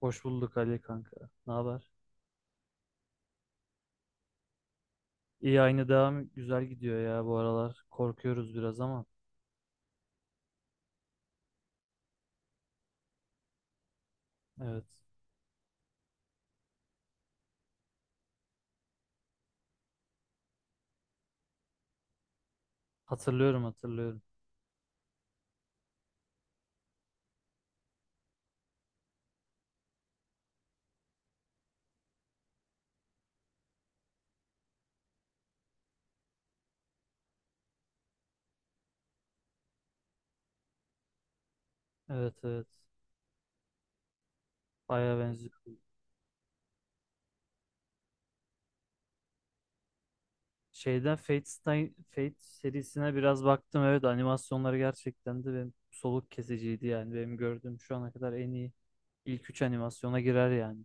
Hoş bulduk Ali kanka. Ne haber? İyi, aynı devam, güzel gidiyor ya bu aralar. Korkuyoruz biraz ama. Evet. Hatırlıyorum, hatırlıyorum. Evet, evet. Baya benziyor. Şeyden Fate, Fate serisine biraz baktım. Evet, animasyonları gerçekten de benim soluk kesiciydi yani. Benim gördüğüm şu ana kadar en iyi ilk üç animasyona girer yani.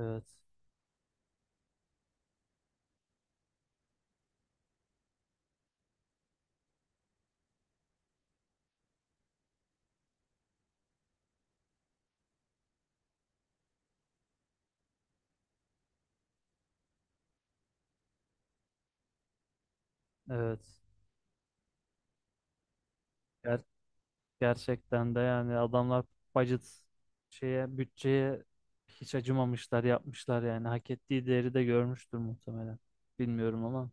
Evet. Evet. Gerçekten de yani adamlar budget, şeye, bütçeye hiç acımamışlar, yapmışlar yani, hak ettiği değeri de görmüştür muhtemelen. Bilmiyorum ama.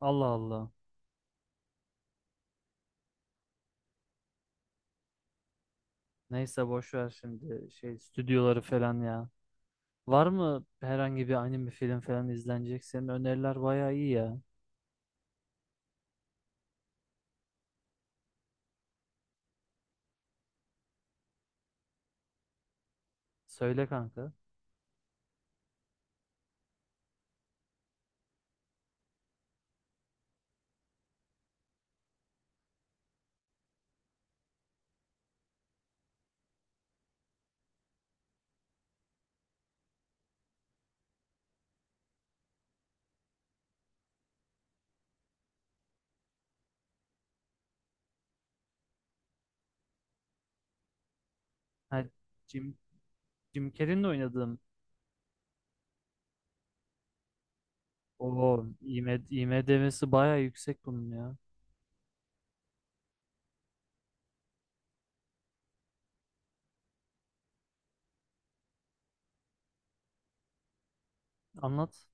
Allah Allah. Neyse, boş ver şimdi şey stüdyoları falan ya. Var mı herhangi bir anime film falan izlenecek? Senin öneriler bayağı iyi ya. Söyle kanka. Ha, Jim, Jim Carrey'in de oynadığım, o IMDb'si bayağı yüksek bunun ya. Anlat.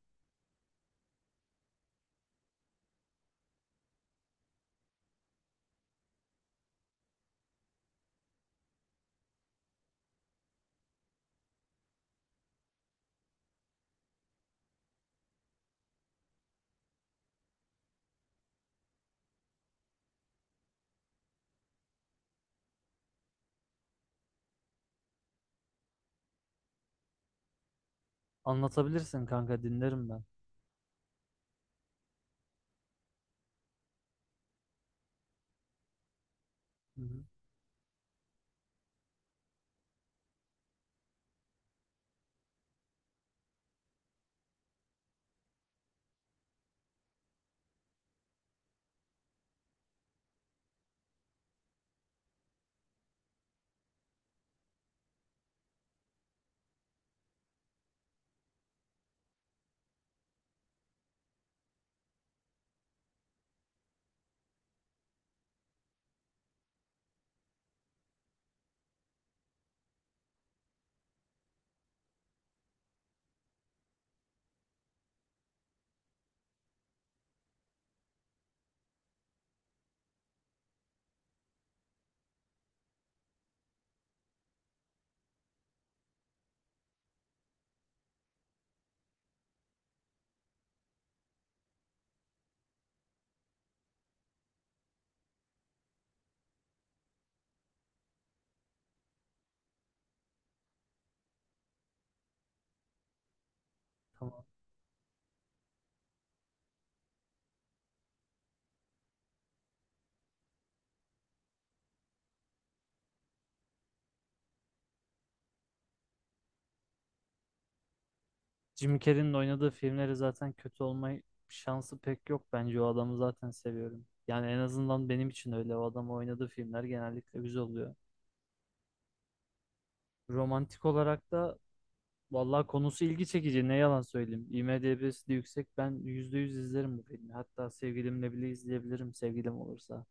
Anlatabilirsin kanka, dinlerim ben. Hı hı. Tamam. Jim Carrey'nin oynadığı filmleri zaten kötü olma şansı pek yok. Bence o adamı zaten seviyorum. Yani en azından benim için öyle. O adamın oynadığı filmler genellikle güzel oluyor. Romantik olarak da vallahi konusu ilgi çekici. Ne yalan söyleyeyim. IMDb'si de yüksek. Ben %100 izlerim bu filmi. Hatta sevgilimle bile izleyebilirim, sevgilim olursa.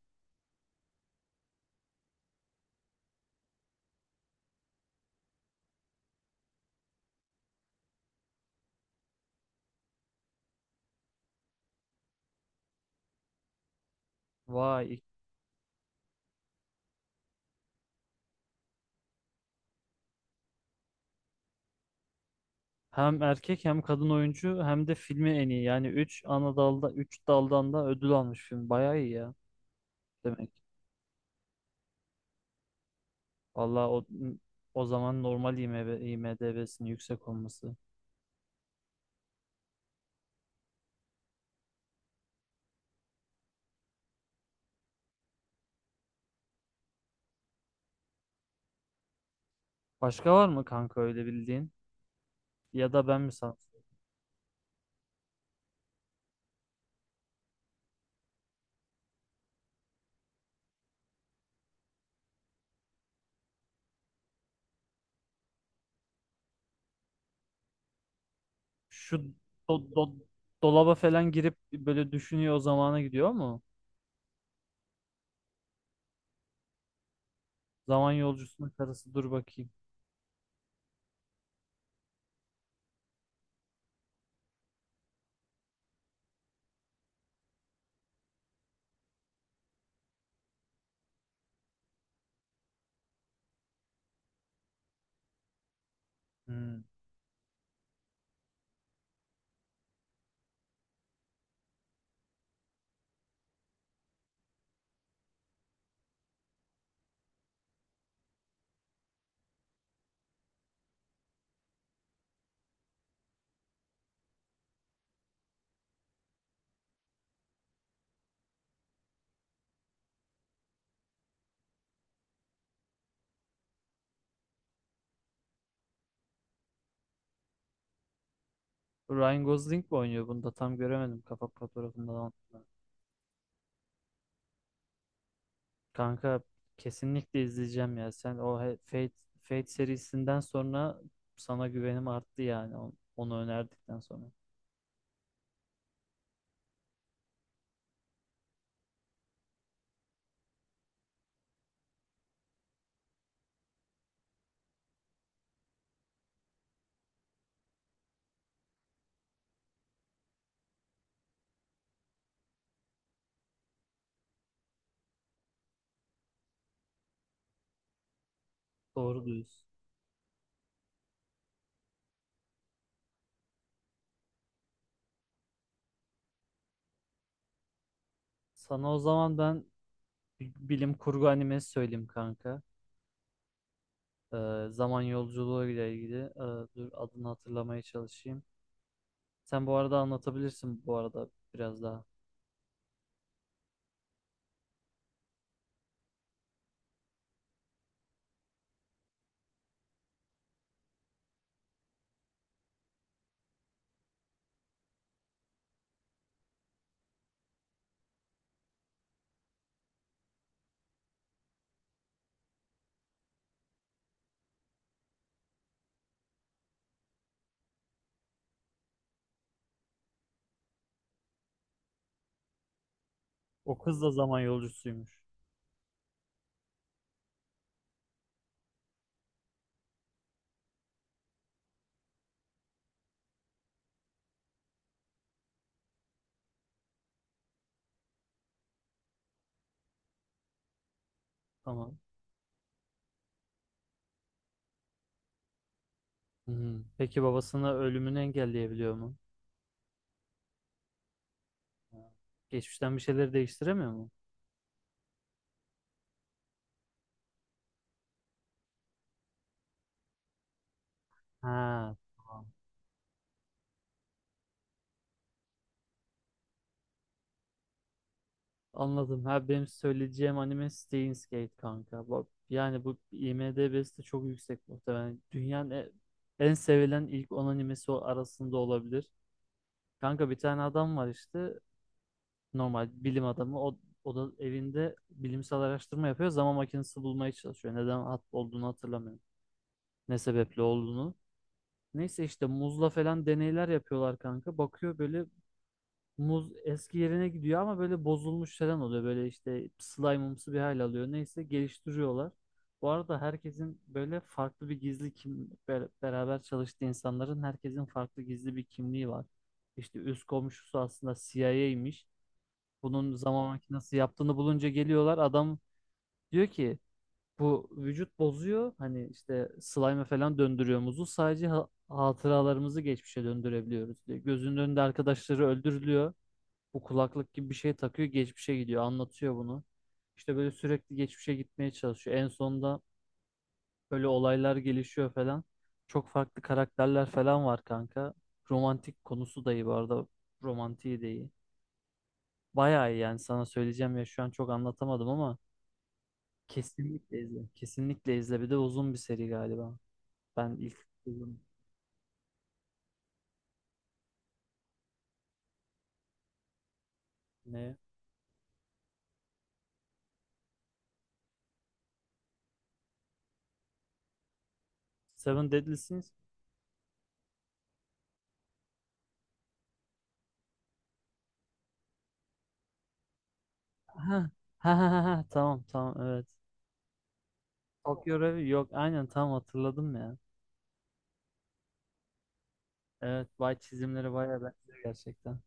Vay. Hem erkek hem kadın oyuncu hem de filmi en iyi. Yani 3 ana dalda 3 daldan da ödül almış film. Bayağı iyi ya. Demek. Valla o, o zaman normal, IMDb'sinin yüksek olması. Başka var mı kanka öyle bildiğin? Ya da ben mi san? Şu do- do- dolaba falan girip böyle düşünüyor, o zamana gidiyor mu? Zaman yolcusunun karısı, dur bakayım. Hmm. Ryan Gosling mi oynuyor bunda? Tam göremedim kapak fotoğrafında da onu. Kanka kesinlikle izleyeceğim ya. Sen o Fate serisinden sonra sana güvenim arttı yani. Onu önerdikten sonra. Doğru diyorsun. Sana o zaman ben bilim kurgu animesi söyleyeyim kanka. Zaman yolculuğu ile ilgili. Dur adını hatırlamaya çalışayım. Sen bu arada anlatabilirsin bu arada, biraz daha. O kız da zaman yolcusuymuş. Tamam. Hmm. Peki babasını, ölümünü engelleyebiliyor mu? Ha. Geçmişten bir şeyleri değiştiremiyor mu? Ha, tamam. Anladım. Ha, benim söyleyeceğim anime Steins Gate kanka. Bak, yani bu IMDb'si de çok yüksek muhtemelen. Dünyanın en sevilen ilk 10 animesi arasında olabilir. Kanka bir tane adam var işte, normal bilim adamı, o da evinde bilimsel araştırma yapıyor, zaman makinesi bulmaya çalışıyor. Neden hat olduğunu hatırlamıyorum. Ne sebeple olduğunu. Neyse işte muzla falan deneyler yapıyorlar kanka. Bakıyor böyle, muz eski yerine gidiyor ama böyle bozulmuş falan oluyor. Böyle işte slime'ımsı bir hal alıyor. Neyse, geliştiriyorlar. Bu arada herkesin böyle farklı bir gizli beraber çalıştığı insanların, herkesin farklı gizli bir kimliği var. İşte üst komşusu aslında CIA'ymiş. Bunun zaman makinesi yaptığını bulunca geliyorlar. Adam diyor ki bu vücut bozuyor. Hani işte slime'e falan döndürüyor muzu. Sadece hatıralarımızı geçmişe döndürebiliyoruz diyor. Gözünün önünde arkadaşları öldürülüyor. Bu kulaklık gibi bir şey takıyor. Geçmişe gidiyor. Anlatıyor bunu. İşte böyle sürekli geçmişe gitmeye çalışıyor. En sonunda böyle olaylar gelişiyor falan. Çok farklı karakterler falan var kanka. Romantik konusu da iyi bu arada. Romantiği de iyi. Bayağı iyi yani, sana söyleyeceğim ya, şu an çok anlatamadım ama. Kesinlikle izle. Kesinlikle izle. Bir de uzun bir seri galiba. Ben ilk uzun, ne? Seven Deadly Sins. Ha. Ha ha ha, ha. Tamam, tamam, evet. Tokyo Revue, yok aynen, tam hatırladım ya. Evet, vay, çizimleri bayağı benziyor gerçekten.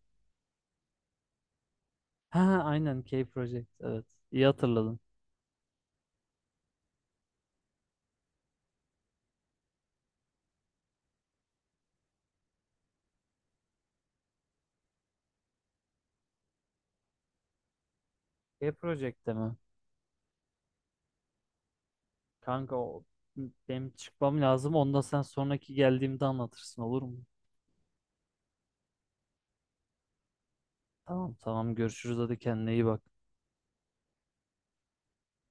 Ha ha, aynen, K Project, evet. İyi hatırladın. K Project'te mi? Kanka o, benim çıkmam lazım. Onu da sen sonraki geldiğimde anlatırsın, olur mu? Tamam, tamam, görüşürüz, hadi kendine iyi bak.